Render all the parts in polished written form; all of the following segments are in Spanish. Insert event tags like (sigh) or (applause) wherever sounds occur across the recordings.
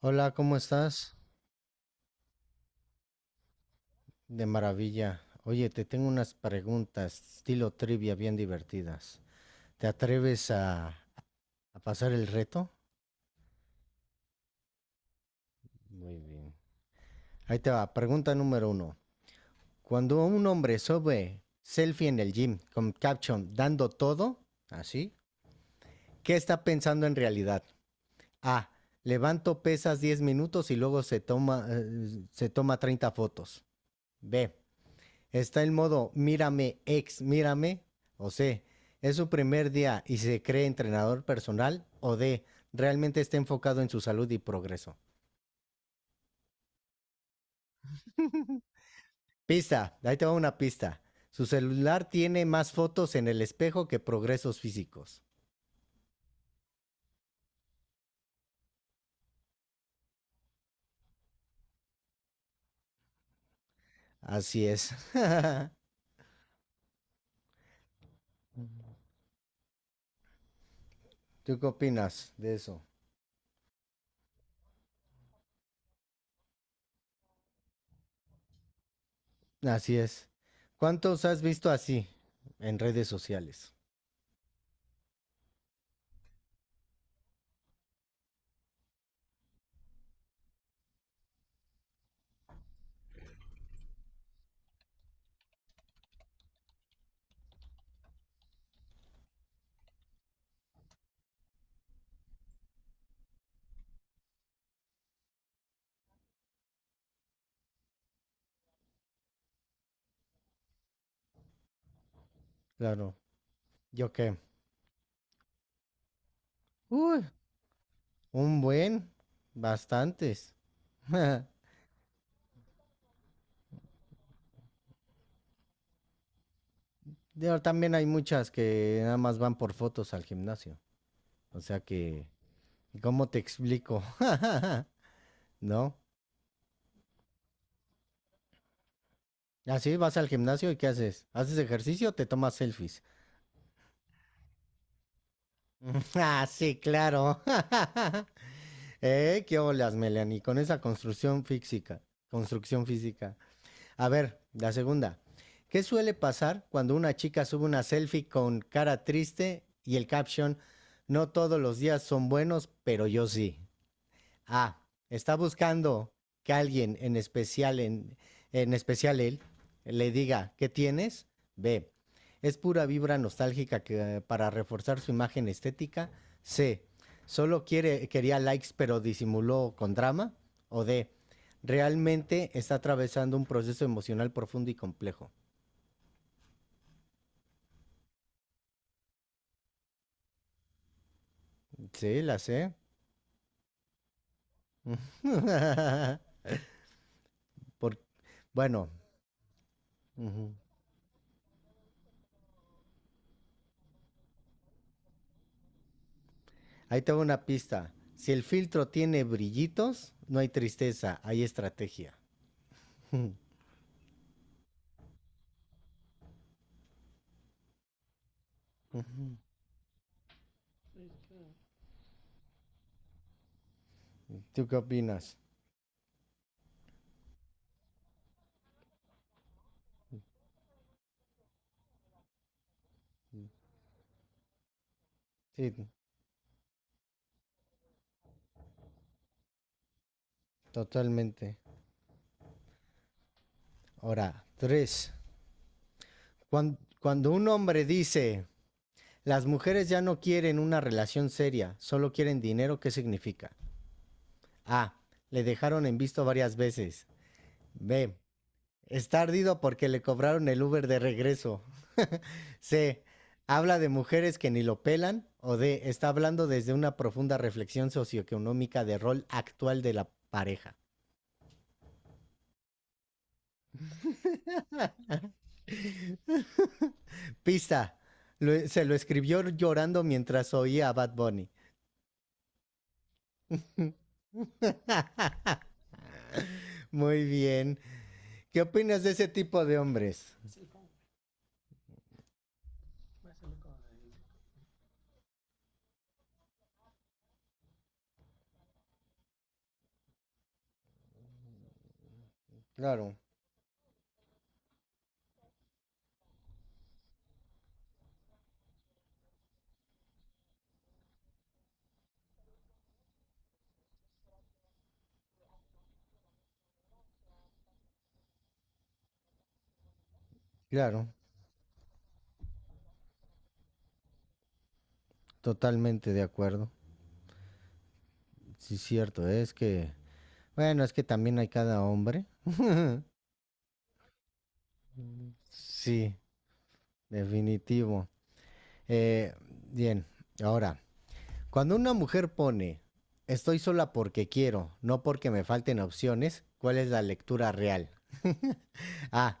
Hola, ¿cómo estás? De maravilla. Oye, te tengo unas preguntas, estilo trivia, bien divertidas. ¿Te atreves a pasar el reto? Muy bien. Ahí te va, pregunta número uno. Cuando un hombre sube selfie en el gym con caption dando todo, así, ¿qué está pensando en realidad? A. Levanto pesas 10 minutos y luego se toma 30 fotos. B. Está el modo mírame, ex mírame, o C, es su primer día y se cree entrenador personal, o D, realmente está enfocado en su salud y progreso. Pista, ahí te va una pista. Su celular tiene más fotos en el espejo que progresos físicos. Así es. (laughs) ¿Tú qué opinas de eso? Así es. ¿Cuántos has visto así en redes sociales? Claro. ¿Yo qué? Uy, un buen. Bastantes. (laughs) Digo, también hay muchas que nada más van por fotos al gimnasio. O sea que, ¿cómo te explico? (laughs) ¿No? Así vas al gimnasio y ¿qué haces? ¿Haces ejercicio o te tomas selfies? (laughs) Ah, sí, claro. (laughs) Qué olas, Melanie, con esa construcción física. Construcción física. A ver, la segunda. ¿Qué suele pasar cuando una chica sube una selfie con cara triste y el caption, no todos los días son buenos, pero yo sí? Ah, está buscando que alguien en especial, en especial él, le diga, ¿qué tienes? B. Es pura vibra nostálgica que, para reforzar su imagen estética. C. Quería likes pero disimuló con drama. O D. Realmente está atravesando un proceso emocional profundo y complejo. Sí, la sé. (laughs) Por, bueno, ujú. Ahí te va una pista. Si el filtro tiene brillitos, no hay tristeza, hay estrategia. (laughs) ¿Tú qué opinas? Sí, totalmente. Ahora, tres. Cuando, un hombre dice, las mujeres ya no quieren una relación seria, solo quieren dinero, ¿qué significa? A. Le dejaron en visto varias veces. B. Está ardido porque le cobraron el Uber de regreso. (laughs) C. Habla de mujeres que ni lo pelan. O D. Está hablando desde una profunda reflexión socioeconómica del rol actual de la pareja. Pista. Se lo escribió llorando mientras oía a Bad Bunny. Muy bien. ¿Qué opinas de ese tipo de hombres? Claro, claro. Totalmente de acuerdo. Sí, cierto. Es que... Bueno, es que también hay cada hombre. (laughs) Sí, definitivo. Eh, bien, ahora, cuando una mujer pone estoy sola porque quiero, no porque me falten opciones, ¿cuál es la lectura real? A.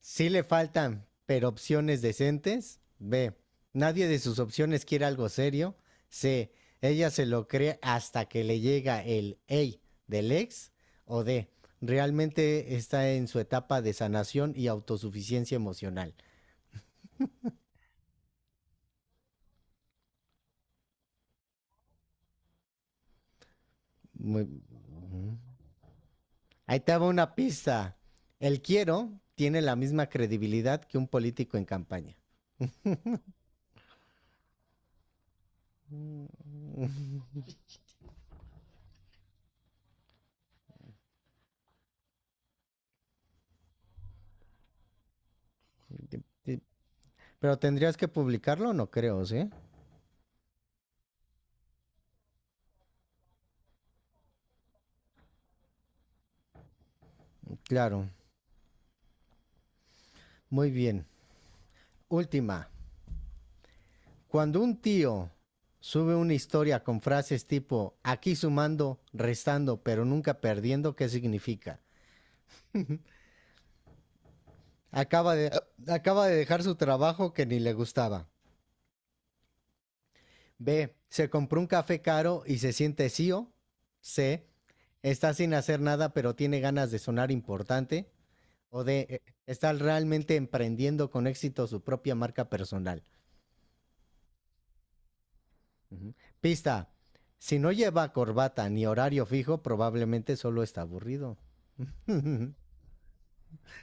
Sí le faltan, pero opciones decentes. B. Nadie de sus opciones quiere algo serio. C. Ella se lo cree hasta que le llega el hey del ex. O D. Realmente está en su etapa de sanación y autosuficiencia emocional. Muy- Ahí te va una pista. El quiero tiene la misma credibilidad que un político en campaña. Pero tendrías que publicarlo, no creo, ¿sí? Claro. Muy bien. Última. Cuando un tío sube una historia con frases tipo aquí sumando, restando, pero nunca perdiendo, ¿qué significa? Acaba de, acaba de dejar su trabajo que ni le gustaba. B. Se compró un café caro y se siente CEO. C. Está sin hacer nada pero tiene ganas de sonar importante. O D. Está realmente emprendiendo con éxito su propia marca personal. Ujú. Pista. Si no lleva corbata ni horario fijo, probablemente solo está aburrido. (laughs)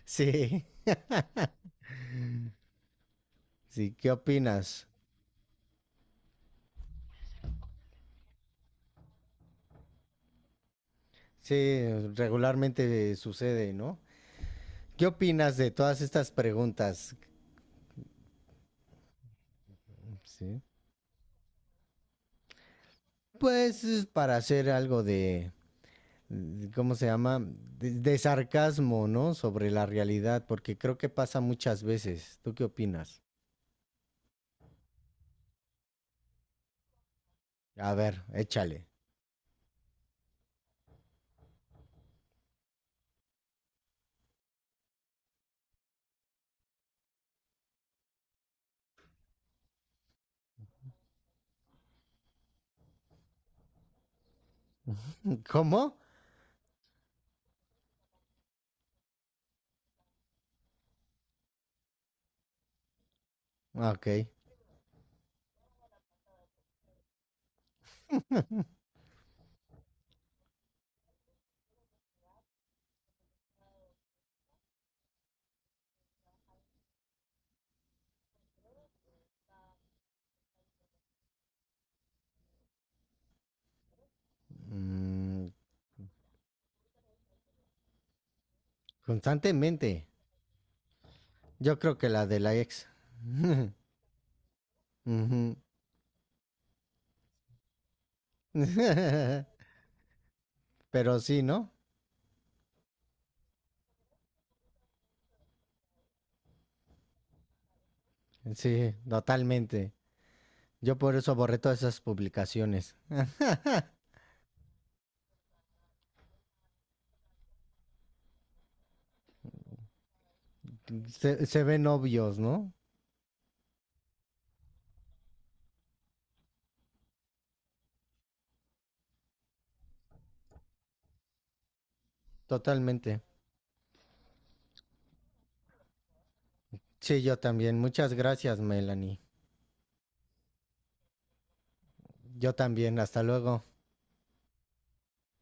Sí, sí, ¿qué opinas? Sí, regularmente sucede, ¿no? ¿Qué opinas de todas estas preguntas? Sí. Pues es para hacer algo de ¿cómo se llama? De sarcasmo, ¿no? Sobre la realidad, porque creo que pasa muchas veces. ¿Tú qué opinas? A ver, échale. ¿Cómo? Ah, ok. Mm, constantemente. Yo creo que la de la ex. (laughs) Ujú. (laughs) Pero sí, ¿no? Sí, totalmente. Yo por eso borré todas esas publicaciones. Se ven obvios, ¿no? Totalmente. Sí, yo también. Muchas gracias, Melanie. Yo también. Hasta luego.